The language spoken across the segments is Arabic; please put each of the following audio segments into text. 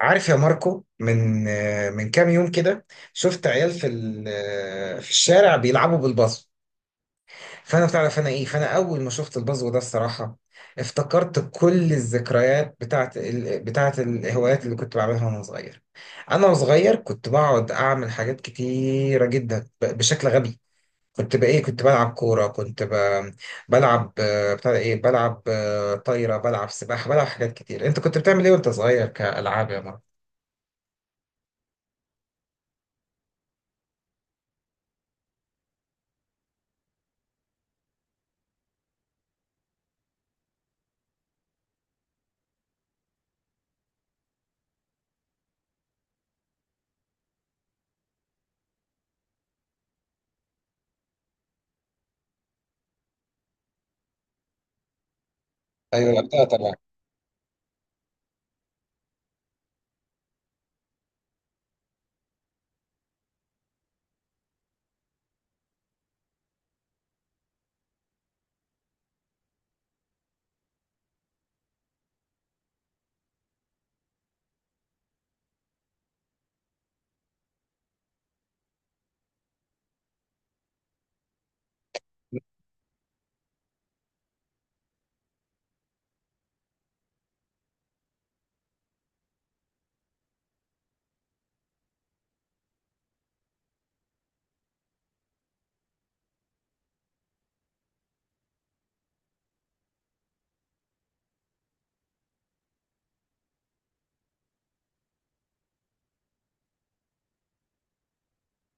عارف يا ماركو، من كام يوم كده. شفت عيال في ال- آه، في الشارع بيلعبوا بالبازو. فانا بتعرف انا ايه فانا اول ما شفت البازو ده الصراحه، افتكرت كل الذكريات بتاعت الهوايات اللي كنت بعملها وانا صغير. انا وصغير كنت بقعد اعمل حاجات كتيره جدا بشكل غبي. كنت بقى ايه كنت بلعب كوره، بلعب بتاع ده ايه بلعب طايره، بلعب سباحه، بلعب حاجات كتير. انت كنت بتعمل ايه وانت صغير كالعاب يا ماركو؟ ايوه، لا طبعا.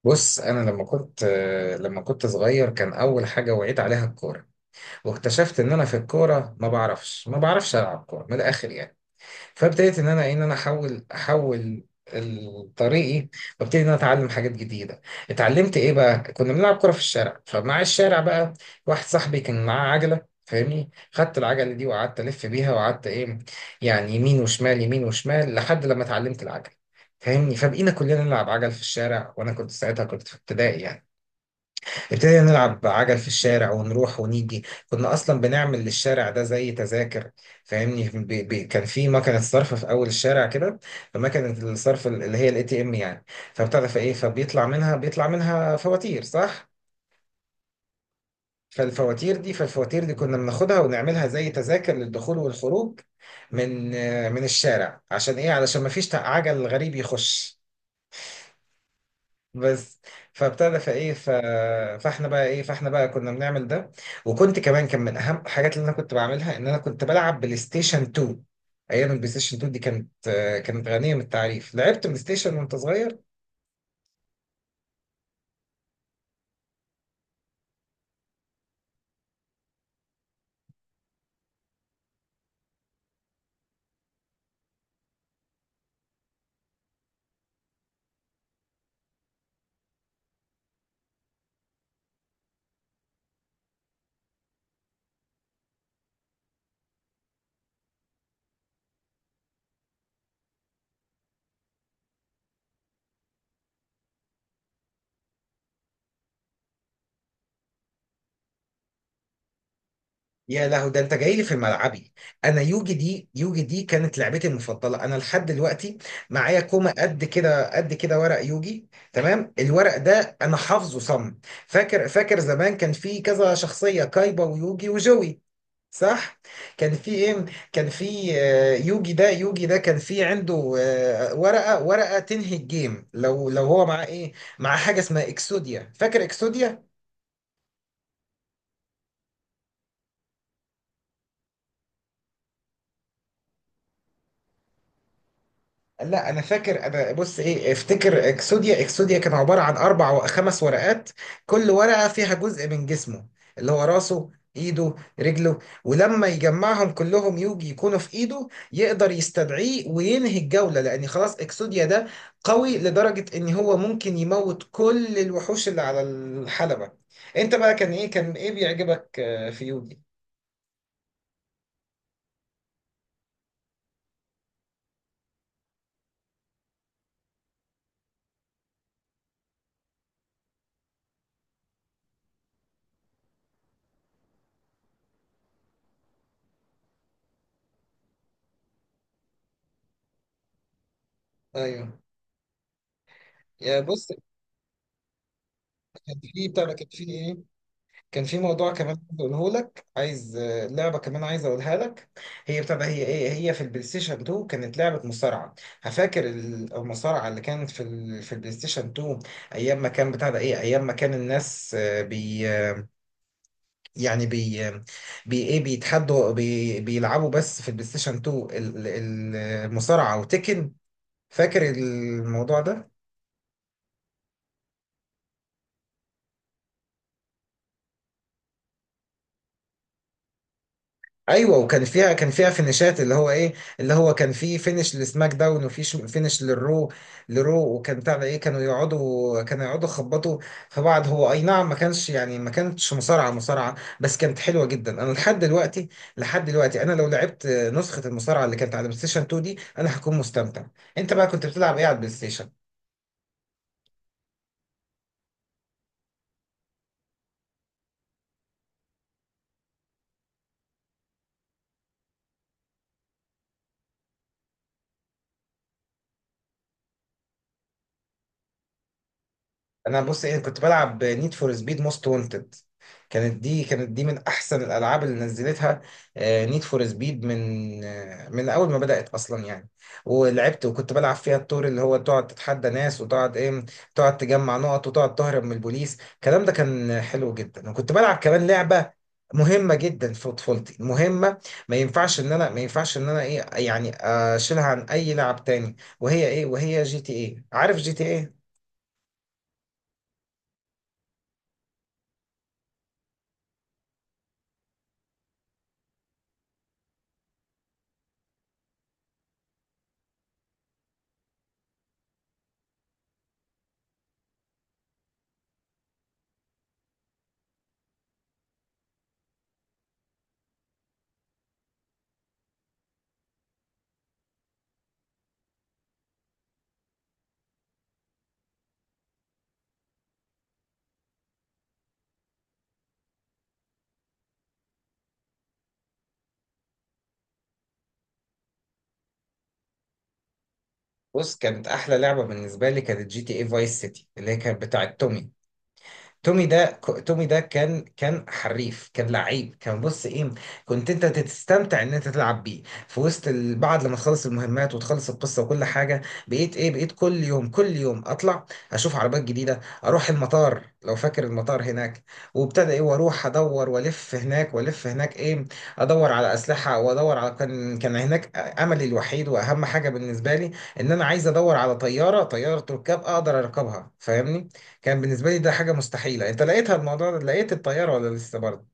بص، انا لما كنت صغير كان اول حاجه وعيت عليها الكوره، واكتشفت ان انا في الكوره ما بعرفش العب كوره من الاخر يعني. فابتديت ان انا احول طريقي، وابتدي ان انا اتعلم حاجات جديده. اتعلمت ايه بقى، كنا بنلعب كره في الشارع، فمع الشارع بقى واحد صاحبي كان معاه عجله، فاهمني، خدت العجله دي وقعدت الف بيها وقعدت ايه يعني، يمين وشمال يمين وشمال لحد لما اتعلمت العجله، فاهمني. فبقينا كلنا نلعب عجل في الشارع، وانا كنت ساعتها كنت في ابتدائي يعني. ابتدينا نلعب عجل في الشارع ونروح ونيجي. كنا اصلا بنعمل للشارع ده زي تذاكر، فاهمني. بي بي كان في مكنه صرف في اول الشارع كده، فمكنه الصرف اللي هي الاي تي ام يعني. فبتعرف ايه، فبيطلع منها فواتير، صح. فالفواتير دي كنا بناخدها ونعملها زي تذاكر للدخول والخروج من من الشارع، عشان ايه، علشان ما فيش عجل غريب يخش بس. فابتدى فايه ف... فاحنا بقى كنا بنعمل ده. وكنت كمان، كان من اهم الحاجات اللي انا كنت بعملها ان انا كنت بلعب بلاي ستيشن 2. ايام البلاي ستيشن 2 دي كانت غنيه من التعريف. لعبت بلاي ستيشن وانت صغير؟ يا لهو، ده انت جاي لي في ملعبي. انا يوجي دي كانت لعبتي المفضله انا لحد دلوقتي. معايا كومه قد كده قد كده ورق يوجي، تمام. الورق ده انا حافظه صم. فاكر زمان، كان في كذا شخصيه، كايبا ويوجي وجوي، صح؟ كان في ايه كان في يوجي ده كان في عنده ورقة تنهي الجيم لو هو مع ايه، مع حاجة اسمها اكسوديا، فاكر اكسوديا؟ لا انا فاكر، انا بص ايه، افتكر اكسوديا كان عباره عن اربع وخمس ورقات، كل ورقه فيها جزء من جسمه، اللي هو راسه ايده رجله، ولما يجمعهم كلهم يوجي يكونوا في ايده، يقدر يستدعيه وينهي الجوله، لان خلاص اكسوديا ده قوي لدرجه ان هو ممكن يموت كل الوحوش اللي على الحلبه. انت بقى كان ايه، كان ايه بيعجبك في يوجي؟ ايوه، يا بص، كان في بتاع ده، كان في إيه؟ كان في موضوع كمان عايز اقوله لك، عايز لعبه كمان عايز اقولها لك. هي بتبقى هي ايه، هي في البلاي ستيشن 2 كانت لعبه مصارعه. هفاكر المصارعه اللي كانت في في البلاي ستيشن 2. ايام ما كان بتاع ده ايه، ايام ما كان الناس آه، بي آه، يعني بي آه، بي ايه بيتحدوا، بيلعبوا بس في البلاي ستيشن 2 المصارعه وتكن، فاكر الموضوع ده؟ ايوه، وكان فيها كان فيها فينيشات، اللي هو ايه، اللي هو كان في فينيش لسماك داون، وفي فينيش لرو. وكان بتاع ده ايه، كانوا يقعدوا يخبطوا في بعض. هو اي نعم ما كانش يعني، ما كانتش مصارعه، بس كانت حلوه جدا. انا لحد دلوقتي، انا لو لعبت نسخه المصارعه اللي كانت على بلاي ستيشن 2 دي انا هكون مستمتع. انت بقى كنت بتلعب ايه على البلاي ستيشن؟ انا بص ايه، كنت بلعب نيد فور سبيد موست وانتد، كانت دي من احسن الالعاب اللي نزلتها. نيد فور سبيد، من من اول ما بدات اصلا يعني. ولعبت وكنت بلعب فيها الدور اللي هو تقعد تتحدى ناس وتقعد ايه، تقعد تجمع نقط وتقعد تهرب من البوليس، الكلام ده كان حلو جدا. وكنت بلعب كمان لعبه مهمه جدا في طفولتي، مهمه ما ينفعش ان انا ايه يعني اشيلها عن اي لعب تاني، وهي ايه، وهي جي تي ايه، عارف جي تي ايه. بص، كانت احلى لعبه بالنسبه لي كانت جي تي اي فايس سيتي، اللي هي كانت بتاعه تومي. تومي ده كان كان حريف، كان لعيب، كان بص ايه، كنت انت تستمتع ان انت تلعب بيه في وسط بعد لما تخلص المهمات وتخلص القصه وكل حاجه. بقيت ايه، بقيت كل يوم كل يوم اطلع اشوف عربيات جديده، اروح المطار لو فاكر المطار هناك. وابتدى ايه، واروح ادور والف هناك والف هناك ايه، ادور على اسلحه وادور على، كان هناك املي الوحيد واهم حاجه بالنسبه لي ان انا عايز ادور على طياره، طياره ركاب اقدر اركبها، فاهمني. كان بالنسبة لي ده حاجة مستحيلة، انت لقيتها الموضوع ده، لقيت الطيارة ولا لسه برضه؟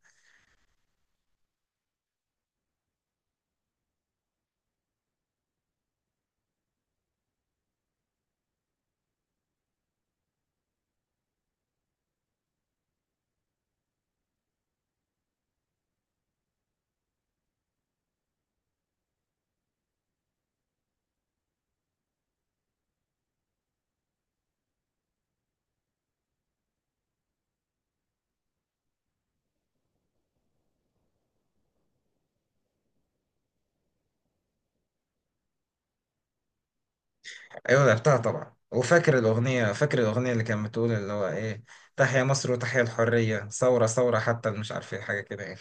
ايوه لعبتها طبعا، وفاكر الأغنية، فاكر الأغنية اللي كانت بتقول اللي هو ايه، تحيا مصر وتحيا الحرية، ثورة ثورة، حتى مش عارف ايه، حاجة كده يعني،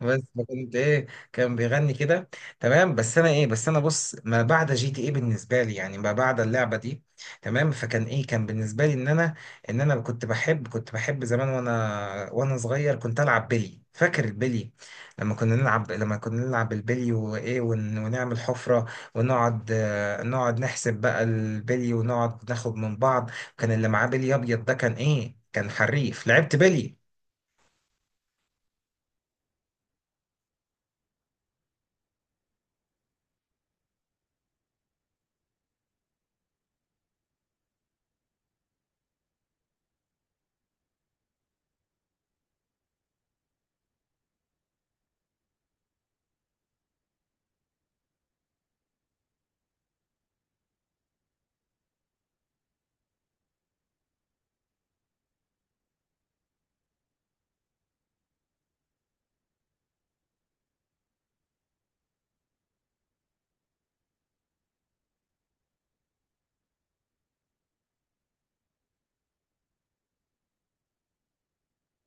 بس. فكنت ايه، كان بيغني كده، تمام. بس انا ايه، بس انا بص، ما بعد جي تي ايه بالنسبه لي يعني، ما بعد اللعبه دي، تمام. فكان ايه، كان بالنسبه لي ان انا كنت بحب زمان وانا صغير كنت العب بيلي، فاكر البيلي؟ لما كنا نلعب البلي ونعمل حفره ونقعد آه، نقعد نحسب بقى البلي، ونقعد ناخد من بعض. كان اللي معاه بلي ابيض ده كان ايه، كان حريف. لعبت بلي؟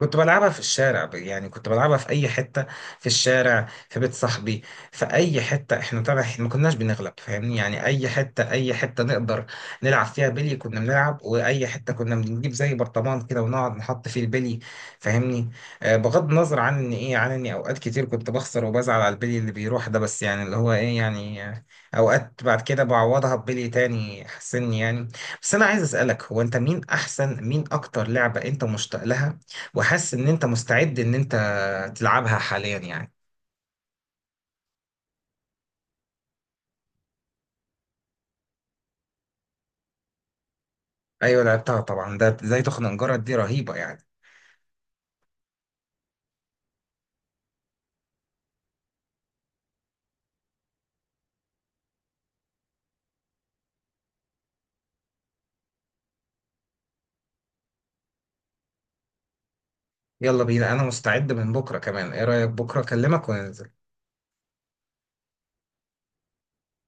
كنت بلعبها في الشارع، يعني كنت بلعبها في اي حته، في الشارع، في بيت صاحبي، في اي حته، احنا طبعا إحنا ما كناش بنغلب، فاهمني، يعني اي حته اي حته نقدر نلعب فيها بلي كنا بنلعب. واي حته كنا بنجيب زي برطمان كده، ونقعد نحط فيه البلي، فاهمني. آه، بغض النظر عن ان ايه، عن اني اوقات كتير كنت بخسر وبزعل على البلي اللي بيروح ده، بس يعني اللي هو ايه يعني اوقات بعد كده بعوضها ببلي تاني حسني يعني. بس انا عايز اسالك، هو انت مين احسن، مين اكتر لعبه انت مشتاق لها وحاسس ان انت مستعد ان انت تلعبها حاليا يعني؟ ايوه لعبتها طبعا، ده زي تخنجرة، دي رهيبة يعني. يلا بينا، انا مستعد من بكرة كمان، ايه رأيك بكرة اكلمك وننزل.